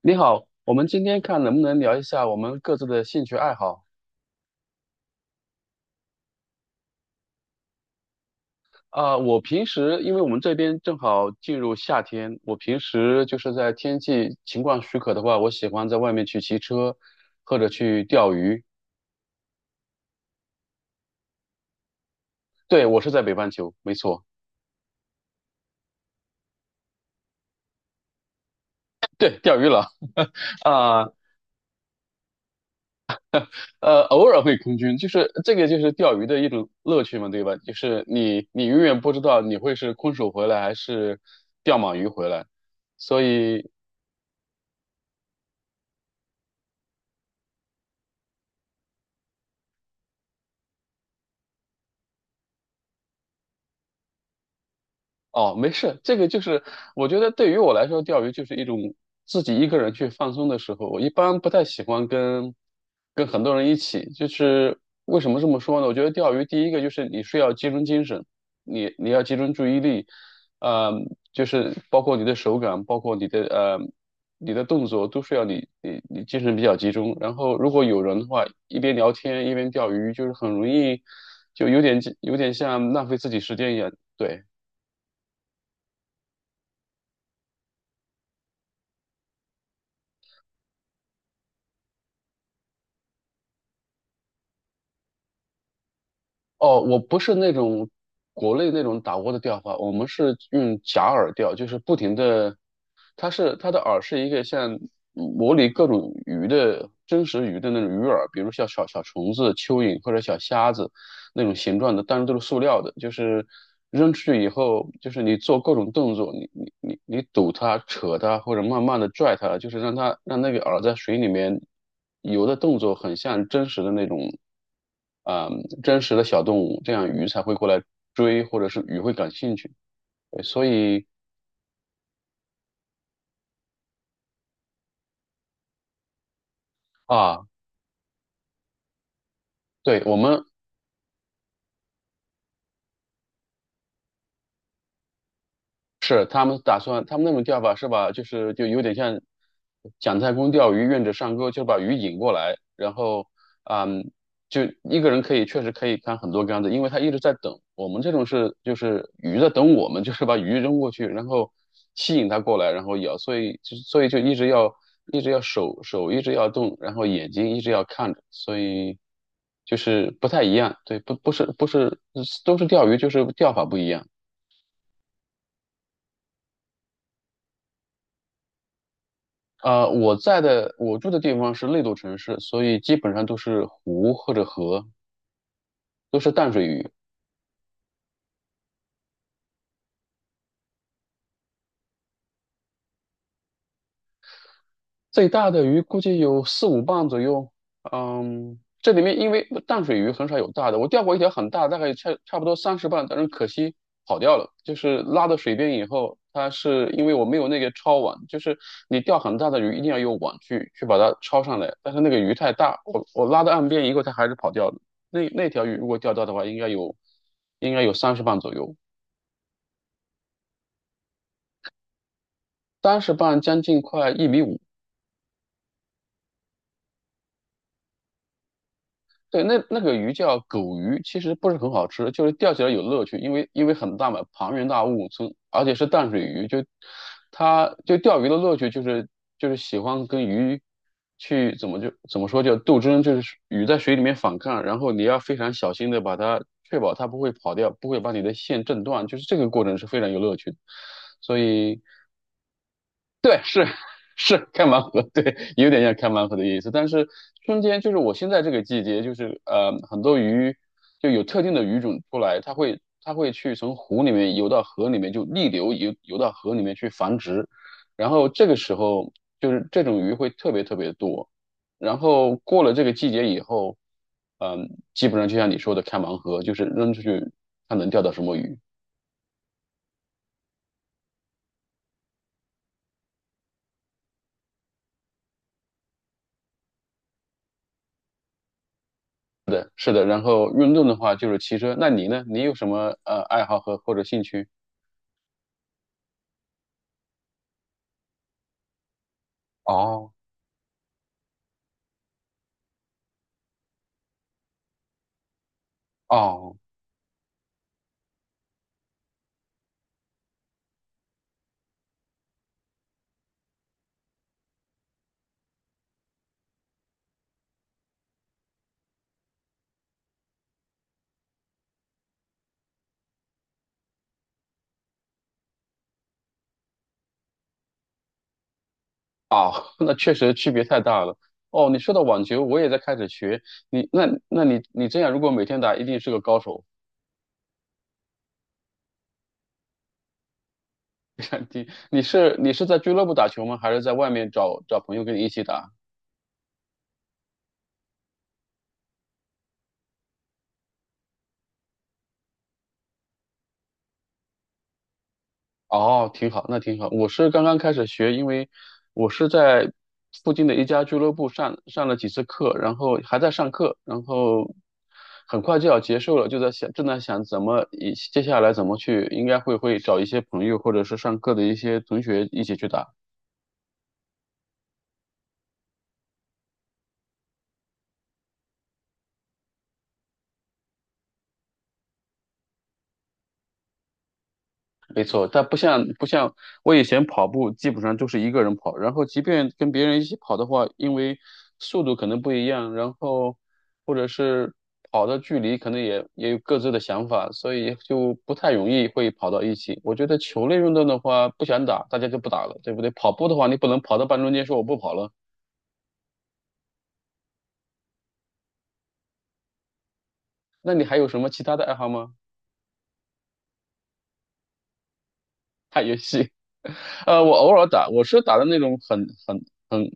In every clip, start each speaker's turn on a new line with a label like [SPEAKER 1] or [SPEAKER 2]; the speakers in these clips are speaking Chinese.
[SPEAKER 1] 你好，我们今天看能不能聊一下我们各自的兴趣爱好。我平时因为我们这边正好进入夏天，我平时就是在天气情况许可的话，我喜欢在外面去骑车或者去钓鱼。对，我是在北半球，没错。对，钓鱼了。啊、偶尔会空军，就是这个就是钓鱼的一种乐趣嘛，对吧？就是你永远不知道你会是空手回来还是钓满鱼回来。所以哦，没事。这个就是我觉得对于我来说，钓鱼就是一种自己一个人去放松的时候。我一般不太喜欢跟很多人一起，就是为什么这么说呢？我觉得钓鱼第一个就是你是要集中精神，你要集中注意力。呃，就是包括你的手感，包括你的动作都是要你精神比较集中。然后如果有人的话，一边聊天一边钓鱼，就是很容易就有点像浪费自己时间一样，对。哦，我不是那种国内那种打窝的钓法，我们是用假饵钓，就是不停的。它的饵是一个像模拟各种鱼的真实鱼的那种鱼饵，比如像小小虫子、蚯蚓或者小虾子，那种形状的，但是都是塑料的。就是扔出去以后，就是你做各种动作，你堵它、扯它，或者慢慢的拽它，就是让它让那个饵在水里面游的动作，很像真实的那种。啊、真实的小动物，这样鱼才会过来追，或者是鱼会感兴趣。对。啊，对，我们是他们打算，他们那种钓法是把就是就有点像蒋太公钓鱼，愿者上钩，就把鱼引过来。然后嗯，就一个人可以确实可以看很多竿子，因为他一直在等。我们这种是就是鱼在等我们，就是把鱼扔过去，然后吸引它过来，然后咬，所以就一直要手一直要动，然后眼睛一直要看着，所以就是不太一样。对，不是都是钓鱼，就是钓法不一样。呃，我住的地方是内陆城市，所以基本上都是湖或者河，都是淡水鱼。最大的鱼估计有四五磅左右。嗯，这里面因为淡水鱼很少有大的，我钓过一条很大，大概差不多三十磅，但是可惜跑掉了。就是拉到水边以后，它是因为我没有那个抄网，就是你钓很大的鱼一定要有网去把它抄上来，但是那个鱼太大，我拉到岸边以后，它还是跑掉了。那那条鱼如果钓到的话，应该有三十磅左右，三十磅将近快1.5米。对，那那个鱼叫狗鱼，其实不是很好吃，就是钓起来有乐趣，因为很大嘛，庞然大物，而且是淡水鱼，就它就钓鱼的乐趣就是喜欢跟鱼去怎么说叫斗争，就是鱼在水里面反抗，然后你要非常小心的确保它不会跑掉，不会把你的线震断，就是这个过程是非常有乐趣的。所以对，是开盲盒，对，有点像开盲盒的意思。但是春天就是我现在这个季节，就是呃，很多鱼就有特定的鱼种出来，它会去从湖里面游到河里面，就逆流游到河里面去繁殖。然后这个时候就是这种鱼会特别特别多。然后过了这个季节以后，嗯、基本上就像你说的开盲盒，就是扔出去看能钓到什么鱼。是的。然后运动的话就是骑车。那你呢？你有什么爱好或者兴趣？哦，哦，哦，那确实区别太大了。哦，你说到网球，我也在开始学。你那那你你这样，如果每天打，一定是个高手。你是在俱乐部打球吗？还是在外面找找朋友跟你一起打？哦，挺好，那挺好。我是刚刚开始学，因为我是在附近的一家俱乐部上了几次课，然后还在上课，然后很快就要结束了，就在想，正在想怎么接下来怎么去，应该会找一些朋友或者是上课的一些同学一起去打。没错，但不像不像我以前跑步，基本上就是一个人跑，然后即便跟别人一起跑的话，因为速度可能不一样，然后或者是跑的距离可能也有各自的想法，所以就不太容易会跑到一起。我觉得球类运动的话，不想打，大家就不打了，对不对？跑步的话，你不能跑到半中间说我不跑了。那你还有什么其他的爱好吗？打游戏。呃，我偶尔打，我是打的那种很很很。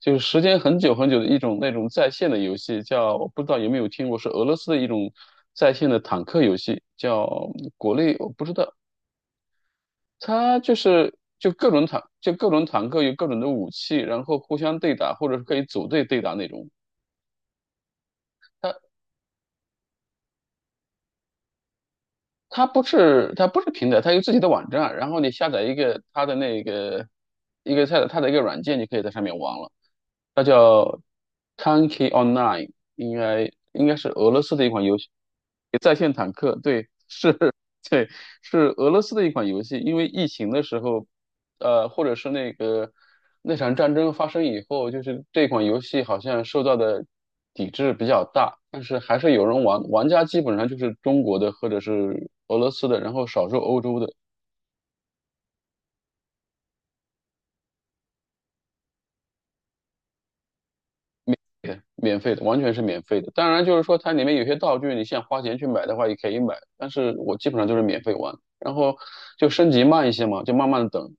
[SPEAKER 1] 就是时间很久很久的一种那种在线的游戏，叫我不知道有没有听过，是俄罗斯的一种在线的坦克游戏，叫国内我不知道。它就是就各种坦就各种坦克有各种的武器，然后互相对打，或者是可以组队对打那种。它它不是平台，它有自己的网站，然后你下载一个它的那个一个它的它的一个软件，你可以在上面玩了。它叫 t a n k y Online,应该是俄罗斯的一款游戏。在线坦克，对，是。对，是俄罗斯的一款游戏。因为疫情的时候，呃，或者是那个那场战争发生以后，就是这款游戏好像受到的抵制比较大，但是还是有人玩，玩家基本上就是中国的或者是俄罗斯的，然后少数欧洲的。免费的，完全是免费的。当然，就是说它里面有些道具，你想花钱去买的话也可以买，但是我基本上都是免费玩。然后就升级慢一些嘛，就慢慢的等。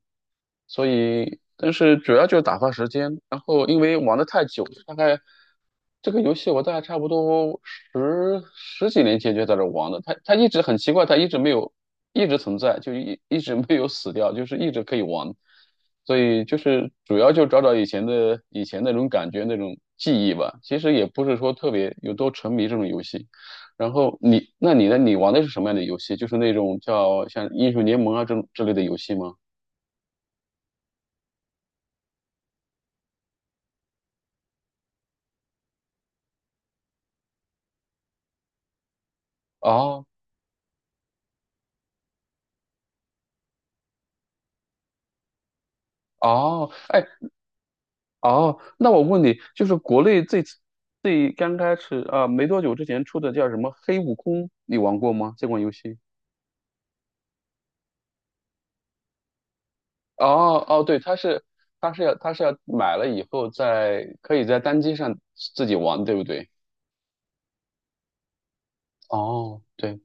[SPEAKER 1] 所以，但是主要就是打发时间。然后因为玩的太久，大概这个游戏我大概差不多十几年前就在这玩的。它一直很奇怪，它一直没有一直存在，就一直没有死掉，就是一直可以玩。所以就是主要就找找以前那种感觉那种记忆吧。其实也不是说特别有多沉迷这种游戏。然后你，那你呢？你玩的是什么样的游戏？就是那种叫像英雄联盟啊这类的游戏吗？哦，哦。哎，哦，那我问你，就是国内最刚开始啊，没多久之前出的叫什么《黑悟空》，你玩过吗？这款游戏？哦，哦，对。它是它是要买了以后可以在单机上自己玩，对不对？哦，对。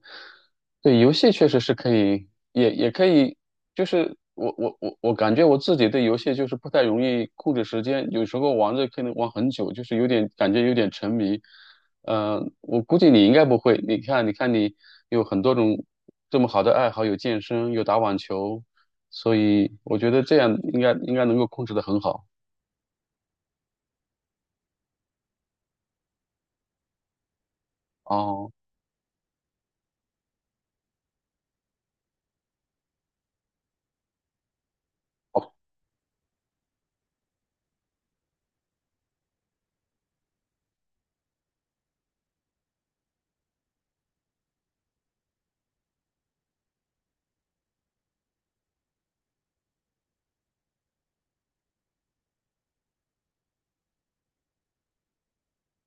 [SPEAKER 1] 对，游戏确实是可以，也可以。就是我感觉我自己对游戏就是不太容易控制时间，有时候玩着可能玩很久，就是有点感觉有点沉迷。呃，我估计你应该不会，你看你有很多种这么好的爱好，有健身，有打网球，所以我觉得这样应该能够控制得很好。哦。